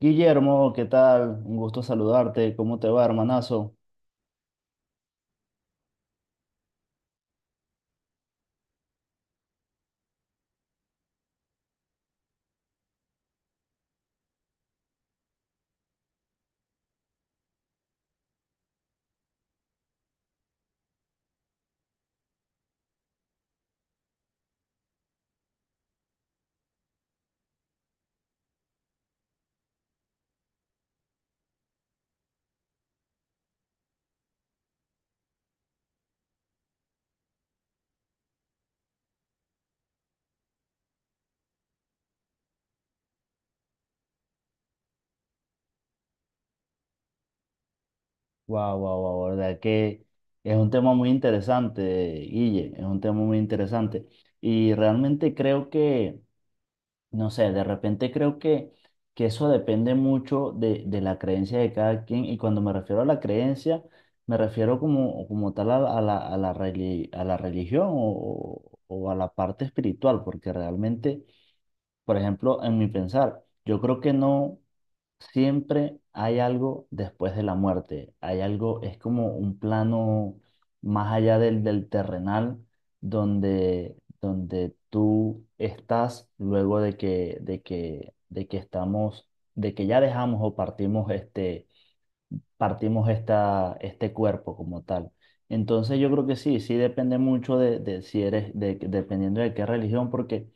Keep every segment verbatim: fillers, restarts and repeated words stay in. Guillermo, ¿qué tal? Un gusto saludarte. ¿Cómo te va, hermanazo? Wow, wow, wow, verdad que es un tema muy interesante, Guille, es un tema muy interesante. Y realmente creo que, no sé, de repente creo que, que eso depende mucho de, de la creencia de cada quien. Y cuando me refiero a la creencia, me refiero como, como tal a, la, a la, a la reli- a la religión o, o a la parte espiritual, porque realmente por ejemplo, en mi pensar, yo creo que no siempre hay algo después de la muerte, hay algo, es como un plano más allá del, del terrenal, donde, donde tú estás luego de que, de que, de que estamos, de que ya dejamos o partimos este partimos esta, este cuerpo como tal. Entonces yo creo que sí, sí depende mucho de, de si eres, de, dependiendo de qué religión, porque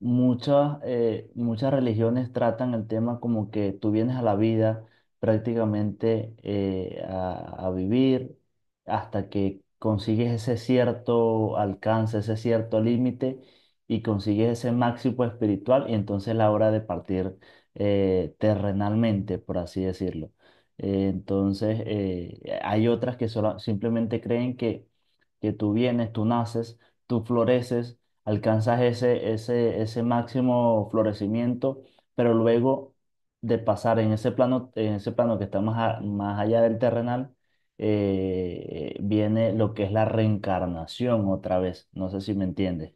muchas, eh, muchas religiones tratan el tema como que tú vienes a la vida prácticamente eh, a, a vivir hasta que consigues ese cierto alcance, ese cierto límite y consigues ese máximo espiritual y entonces es la hora de partir eh, terrenalmente, por así decirlo. Eh, entonces, eh, eh, hay otras que solo simplemente creen que, que tú vienes, tú naces, tú floreces, alcanzas ese, ese, ese máximo florecimiento, pero luego de pasar en ese plano, en ese plano que está más, a- más allá del terrenal, eh, eh, viene lo que es la reencarnación otra vez. ¿No sé si me entiendes?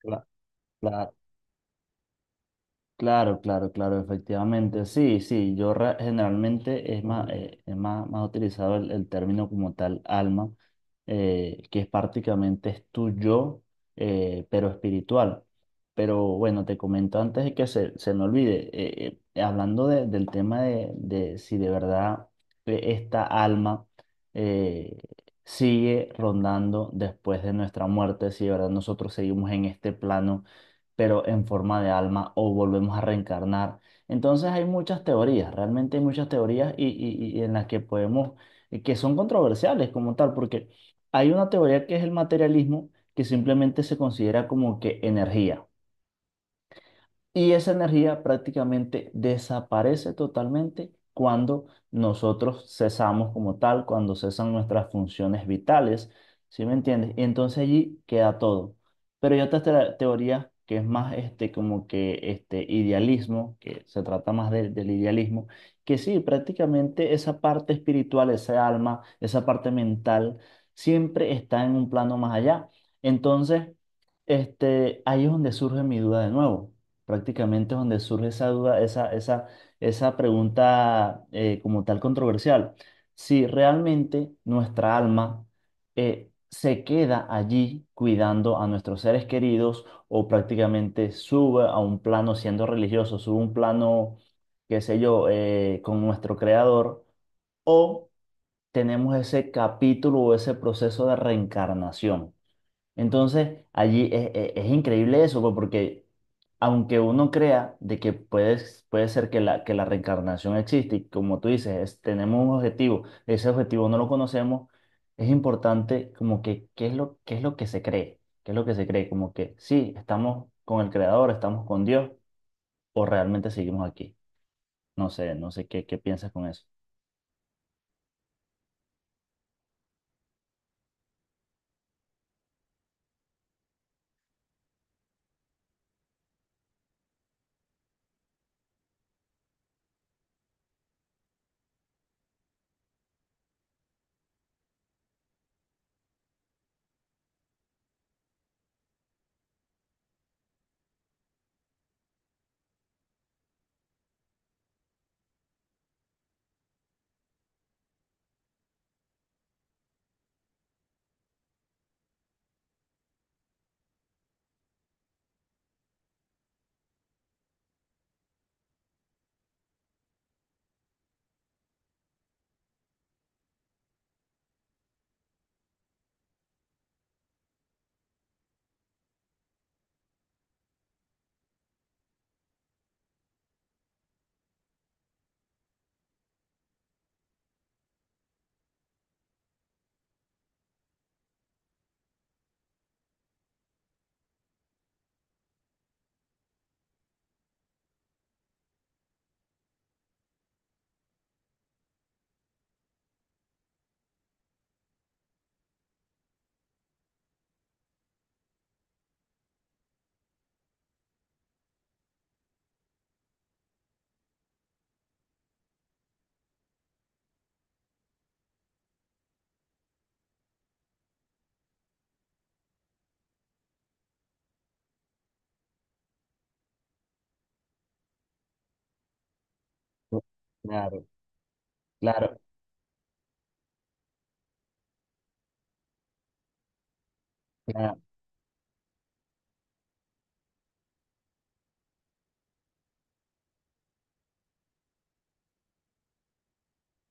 Cla- Claro, Claro, claro, claro, efectivamente. Sí, sí, yo ra- generalmente es más, eh, es más, más utilizado el, el término como tal alma, eh, que es prácticamente es tu yo, eh, pero espiritual. Pero bueno, te comento antes de que se, se me olvide, eh, eh, hablando de- del tema de, de si de verdad eh, esta alma eh, sigue rondando después de nuestra muerte, si de verdad nosotros seguimos en este plano pero en forma de alma o volvemos a reencarnar. Entonces hay muchas teorías, realmente hay muchas teorías y, y- y en las que podemos, y que son controversiales como tal, porque hay una teoría que es el materialismo, que simplemente se considera como que energía. Y esa energía prácticamente desaparece totalmente cuando nosotros cesamos como tal, cuando cesan nuestras funciones vitales, ¿sí me entiendes? Y entonces allí queda todo. Pero hay otra tera- teoría que es más este como que este idealismo, que se trata más de- del idealismo, que sí, prácticamente esa parte espiritual, esa alma, esa parte mental, siempre está en un plano más allá. Entonces, este, ahí es donde surge mi duda de nuevo, prácticamente es donde surge esa duda, esa, esa, esa pregunta eh, como tal controversial. Si realmente nuestra alma eh, se queda allí cuidando a nuestros seres queridos o prácticamente sube a un plano siendo religioso, sube a un plano, qué sé yo, eh, con nuestro creador o tenemos ese capítulo o ese proceso de reencarnación. Entonces, allí es, es- es increíble eso, pues, porque aunque uno crea de que puedes, puede ser que la, que la reencarnación existe, y como tú dices, es- tenemos un objetivo, ese objetivo no lo conocemos, es importante como que qué es lo, qué es lo que se cree, qué es lo que se cree, como que sí, estamos con el Creador, estamos con Dios, o realmente seguimos aquí. No sé, no sé qué, qué piensas con eso. Claro, claro, claro.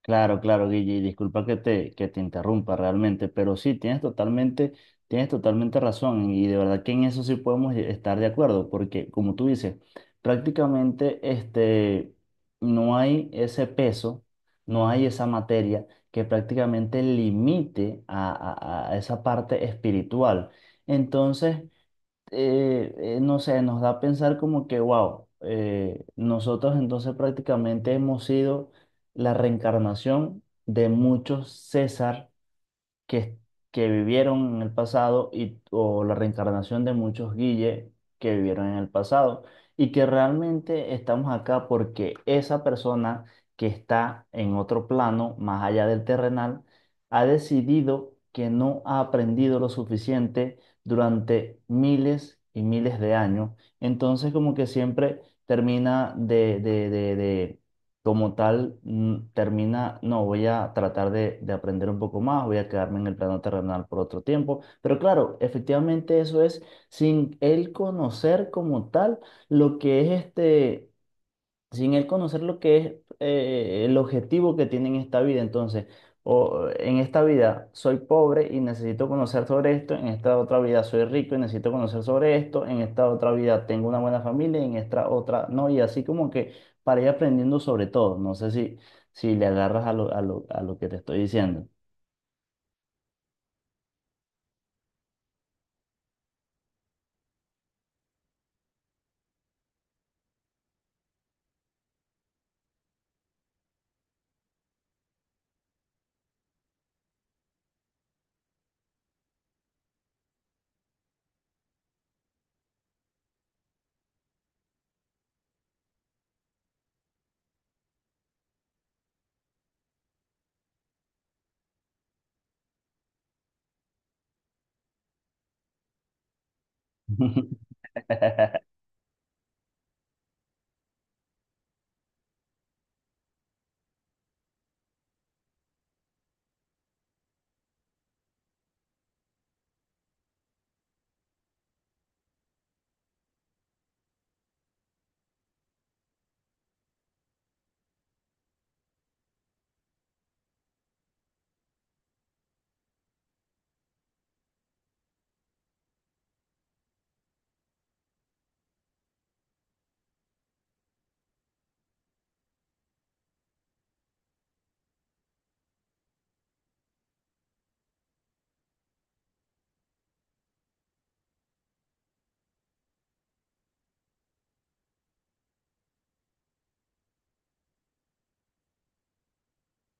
Claro, claro, Guille, y disculpa que te, que te interrumpa realmente, pero sí, tienes totalmente, tienes totalmente razón y de verdad que en eso sí podemos estar de acuerdo, porque como tú dices, prácticamente este, no hay ese peso, no hay esa materia que prácticamente limite a, a a esa parte espiritual. Entonces, eh, eh, no sé, nos da a pensar como que, wow, nosotros entonces prácticamente hemos sido la reencarnación de muchos César que, que vivieron en el pasado y, o la reencarnación de muchos Guille que vivieron en el pasado y que realmente estamos acá porque esa persona que está en otro plano, más allá del terrenal, ha decidido que no ha aprendido lo suficiente durante miles y miles de años. Entonces como que siempre termina de, de, de, de como tal mm, termina, no, voy a tratar de, de aprender un poco más, voy a quedarme en el plano terrenal por otro tiempo, pero claro, efectivamente eso es sin él conocer como tal lo que es este, sin él conocer lo que es eh, el objetivo que tiene en esta vida. Entonces, o en esta vida soy pobre y necesito conocer sobre esto, en esta otra vida soy rico y necesito conocer sobre esto, en esta otra vida tengo una buena familia y en esta otra no, y así como que para ir aprendiendo sobre todo. No sé si, si le agarras a lo, a lo, a lo que te estoy diciendo.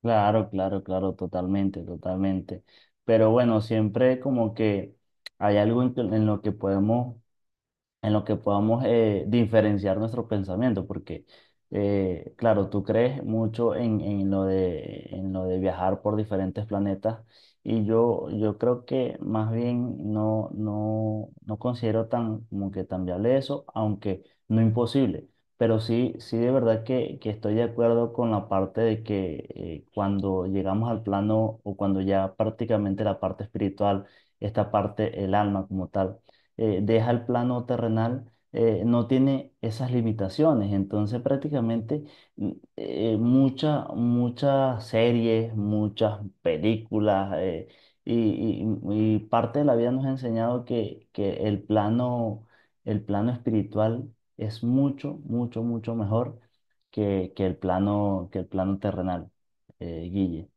Claro, claro, claro, totalmente, totalmente. Pero bueno, siempre como que hay algo en, que- en lo que podemos, en lo que podamos eh, diferenciar nuestro pensamiento, porque, eh, claro, tú crees mucho en, en lo de, en lo de viajar por diferentes planetas y yo, yo creo que más bien no, no, no considero tan, como que tan viable eso, aunque no imposible. Pero sí, sí de verdad que, que estoy de acuerdo con la parte de que eh, cuando llegamos al plano o cuando ya prácticamente la parte espiritual, esta parte, el alma como tal, eh, deja el plano terrenal, eh, no tiene esas limitaciones. Entonces prácticamente mm, eh, mucha- muchas series, muchas películas eh, y, y- y parte de la vida nos ha enseñado que, que el plano, el plano espiritual es mucho, mucho, mucho mejor que, que el plano, que el plano terrenal, eh, Guille.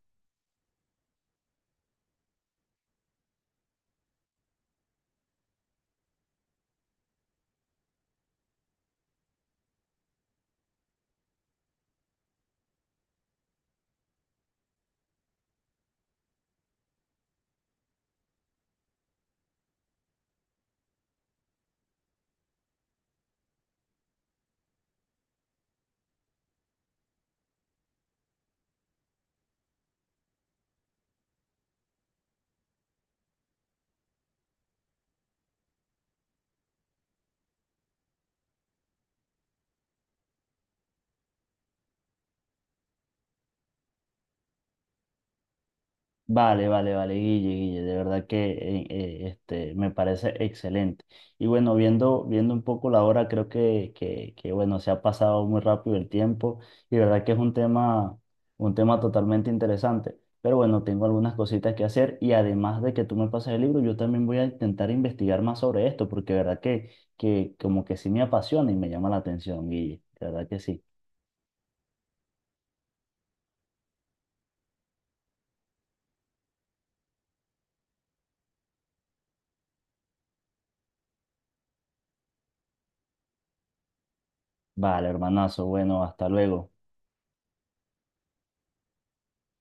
Vale, vale, vale, Guille, Guille, de verdad que eh, eh, este, me parece excelente. Y bueno, viendo, viendo un poco la hora, creo que, que, que, bueno, se ha pasado muy rápido el tiempo y de verdad que es un tema, un tema totalmente interesante. Pero bueno, tengo algunas cositas que hacer y además de que tú me pases el libro, yo también voy a intentar investigar más sobre esto porque de verdad que, que como que sí me apasiona y me llama la atención, Guille, de verdad que sí. Vale, hermanazo, bueno, hasta luego.